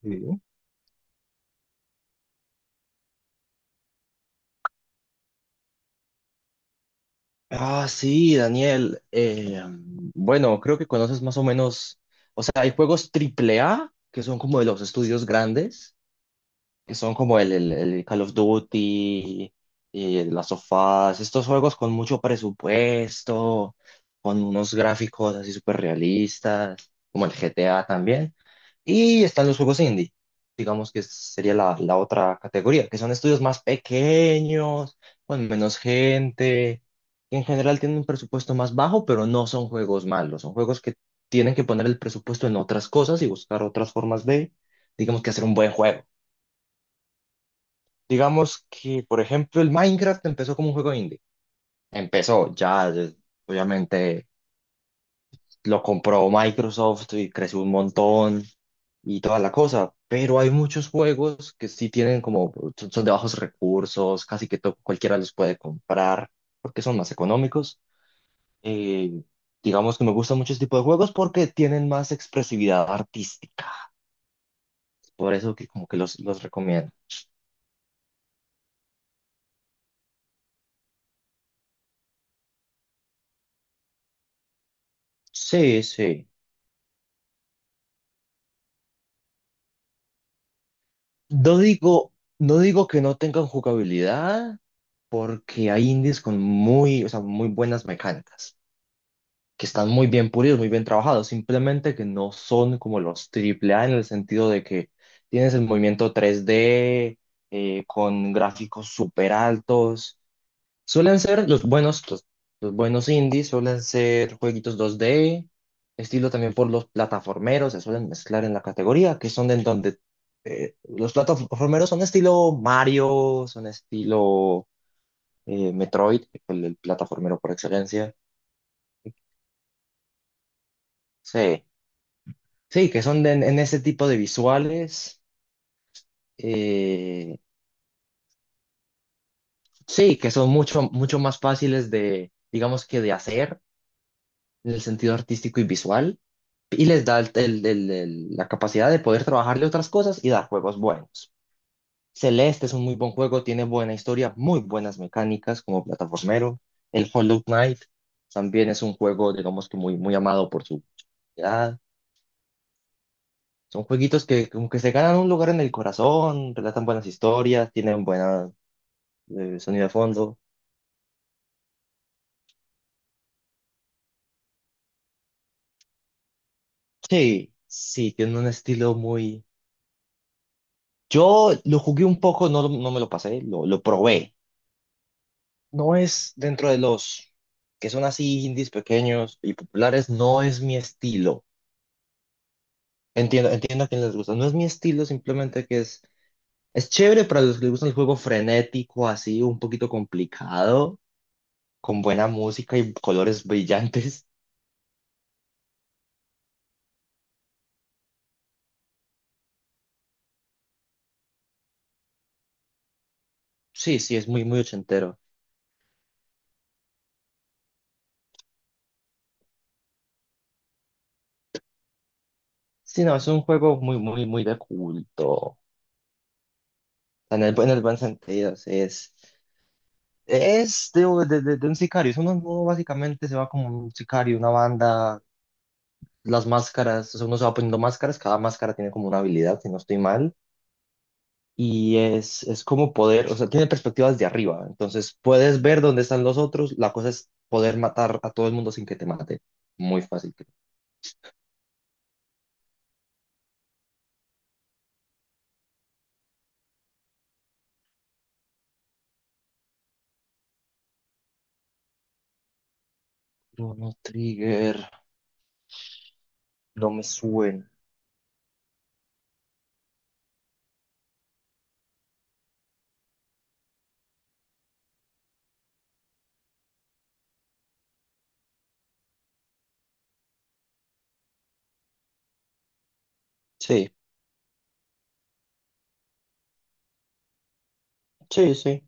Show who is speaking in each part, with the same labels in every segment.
Speaker 1: Sí. Ah, sí, Daniel. Bueno, creo que conoces más o menos, o sea, hay juegos triple A, que son como de los estudios grandes, que son como el Call of Duty, y las sofás, estos juegos con mucho presupuesto, con unos gráficos así súper realistas, como el GTA también. Y están los juegos indie, digamos que sería la otra categoría, que son estudios más pequeños, con menos gente, que en general tienen un presupuesto más bajo, pero no son juegos malos, son juegos que tienen que poner el presupuesto en otras cosas y buscar otras formas de, digamos que hacer un buen juego. Digamos que, por ejemplo, el Minecraft empezó como un juego indie. Empezó, ya, obviamente lo compró Microsoft y creció un montón y toda la cosa, pero hay muchos juegos que sí tienen como, son de bajos recursos, casi que cualquiera los puede comprar porque son más económicos. Eh, digamos que me gustan muchos tipos de juegos porque tienen más expresividad artística, por eso que como que los recomiendo. Sí, sí. No digo que no tengan jugabilidad, porque hay indies con muy, o sea, muy buenas mecánicas. Que están muy bien pulidos, muy bien trabajados, simplemente que no son como los AAA en el sentido de que tienes el movimiento 3D con gráficos súper altos. Suelen ser los buenos, los buenos indies, suelen ser jueguitos 2D, estilo también por los plataformeros, se suelen mezclar en la categoría, que son en donde los plataformeros son estilo Mario, son estilo Metroid, el plataformero por excelencia. Sí. Sí, que son en ese tipo de visuales. eh, sí, que son mucho, mucho más fáciles de, digamos que de hacer en el sentido artístico y visual. Y les da la capacidad de poder trabajarle otras cosas y dar juegos buenos. Celeste es un muy buen juego, tiene buena historia, muy buenas mecánicas como plataformero. El Hollow Knight también es un juego, digamos que muy, muy amado por su comunidad. Son jueguitos que como que se ganan un lugar en el corazón, relatan buenas historias, tienen buena de sonido de fondo. Sí, sí, tiene un estilo muy... Yo lo jugué un poco, no, no me lo pasé, lo probé. No es dentro de los que son así indies pequeños y populares, no es mi estilo. Entiendo, entiendo a quien les gusta. No es mi estilo, simplemente que es chévere para los que les gusta el juego frenético, así, un poquito complicado, con buena música y colores brillantes. Sí, sí, es muy, muy ochentero. Sí, no, es un juego muy, muy, muy de culto. En el buen sentido, es de, de un sicario. Eso uno, uno básicamente se va como un sicario, una banda, las máscaras, o sea, uno se va poniendo máscaras, cada máscara tiene como una habilidad, si no estoy mal, y es como poder, o sea, tiene perspectivas de arriba, entonces puedes ver dónde están los otros, la cosa es poder matar a todo el mundo sin que te mate. Muy fácil. Creo. Chrono Trigger, no me suena. Sí, sí, sí.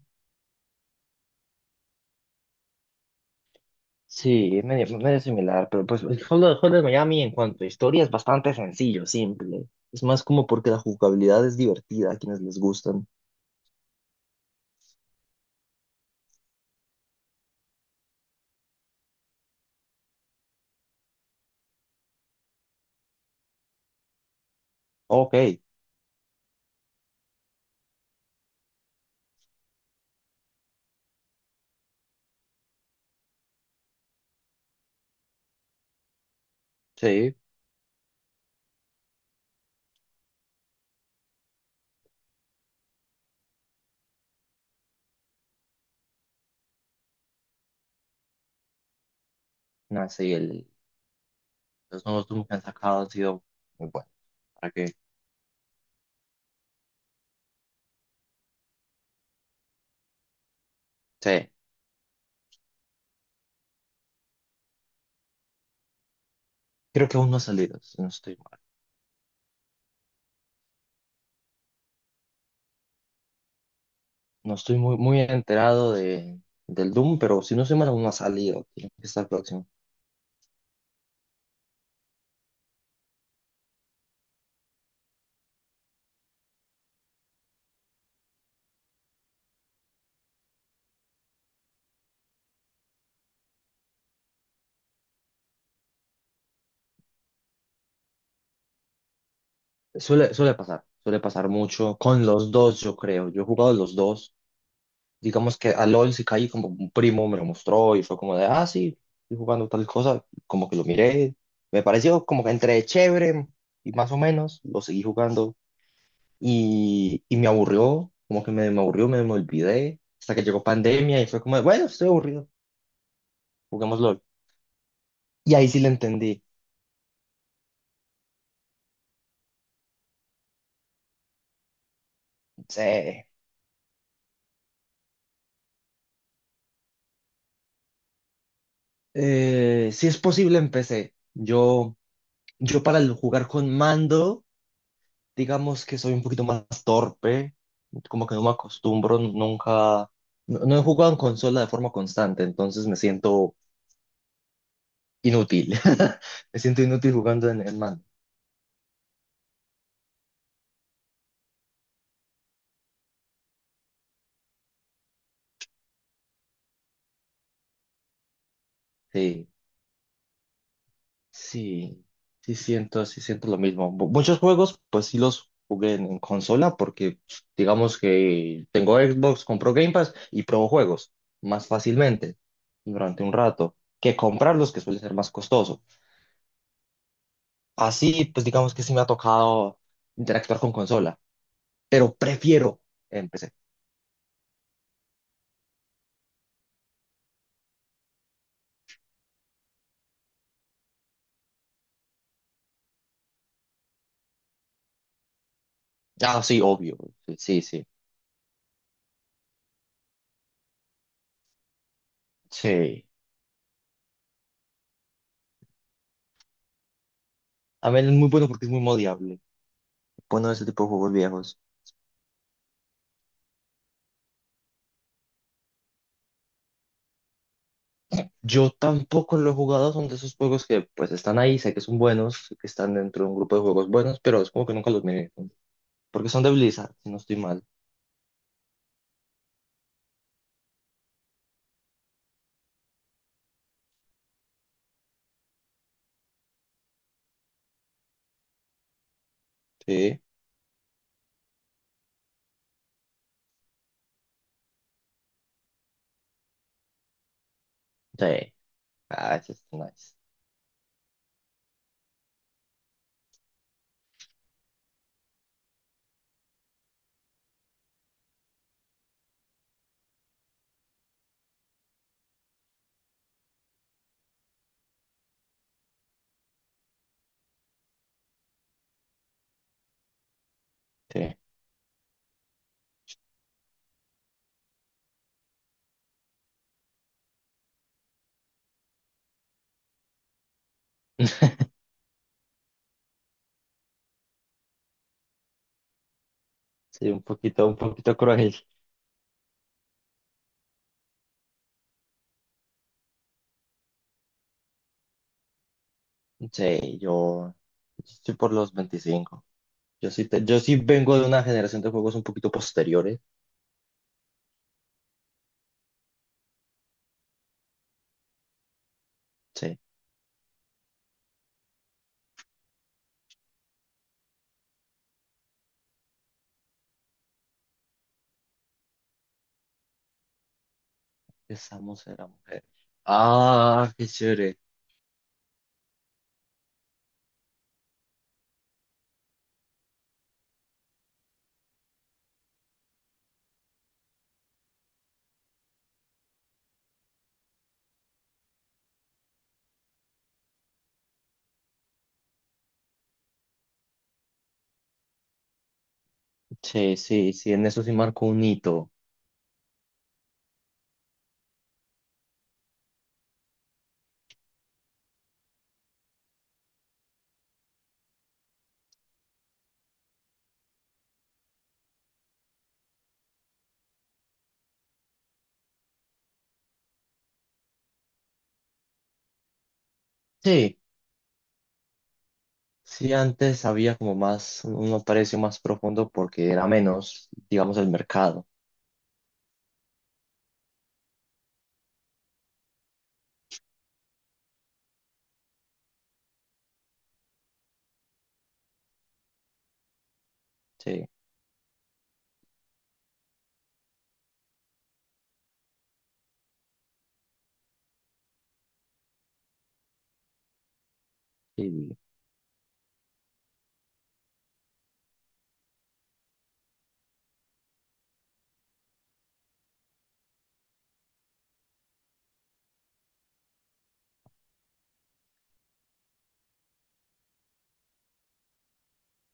Speaker 1: Sí, medio, medio similar, pero pues el Hotline Miami en cuanto a historia es bastante sencillo, simple. Es más como porque la jugabilidad es divertida a quienes les gustan. Ok, sí. No, sí, los nuevos Doom que han sacado han sido muy buenos. ¿Para qué? Sí, creo que aún no ha salido, si no estoy mal. No estoy muy, muy enterado de, del Doom, pero si no estoy mal, aún no ha salido. Tiene que estar próximo. Suele, suele pasar mucho con los dos, yo creo. Yo he jugado los dos, digamos que a LOL sí caí como un primo me lo mostró y fue como de, ah, sí, estoy jugando tal cosa, como que lo miré, me pareció como que entre chévere y más o menos, lo seguí jugando y me aburrió, como que me aburrió, me olvidé, hasta que llegó pandemia y fue como de, bueno, estoy aburrido, juguemos LOL. Y ahí sí le entendí, sí, si es posible empecé, yo para el jugar con mando... Digamos que soy un poquito más torpe, como que no me acostumbro, nunca, no, no he jugado en consola de forma constante, entonces me siento inútil. Me siento inútil jugando en mano. Sí, sí, sí siento lo mismo. Muchos juegos, pues sí los jugué en consola porque digamos que tengo Xbox, compro Game Pass y pruebo juegos más fácilmente durante un rato que comprarlos, que suele ser más costoso. Así, pues digamos que sí me ha tocado interactuar con consola, pero prefiero en PC. Ah, sí, obvio. Sí, sí, sí. Sí. A ver, es muy bueno porque es muy modiable. Bueno, ese tipo de juegos viejos. Yo tampoco lo he jugado, son de esos juegos que pues están ahí, sé que son buenos, sé que están dentro de un grupo de juegos buenos, pero es como que nunca los miré, ¿no? Porque son de Blizzard, si no estoy mal. Sí. Sí. Ah, eso es nice. Sí. Sí, un poquito cruel. Sí, yo estoy por los 25. Yo sí, yo sí vengo de una generación de juegos un poquito posteriores. Sí. Estamos, era mujer. Ah, qué chévere. Sí, sí, sí, en eso sí marcó un hito. Sí, sí, antes había como más, un precio más profundo porque era menos, digamos, el mercado. Sí, sí.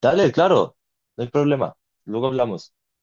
Speaker 1: Dale, claro, no hay problema. Luego hablamos.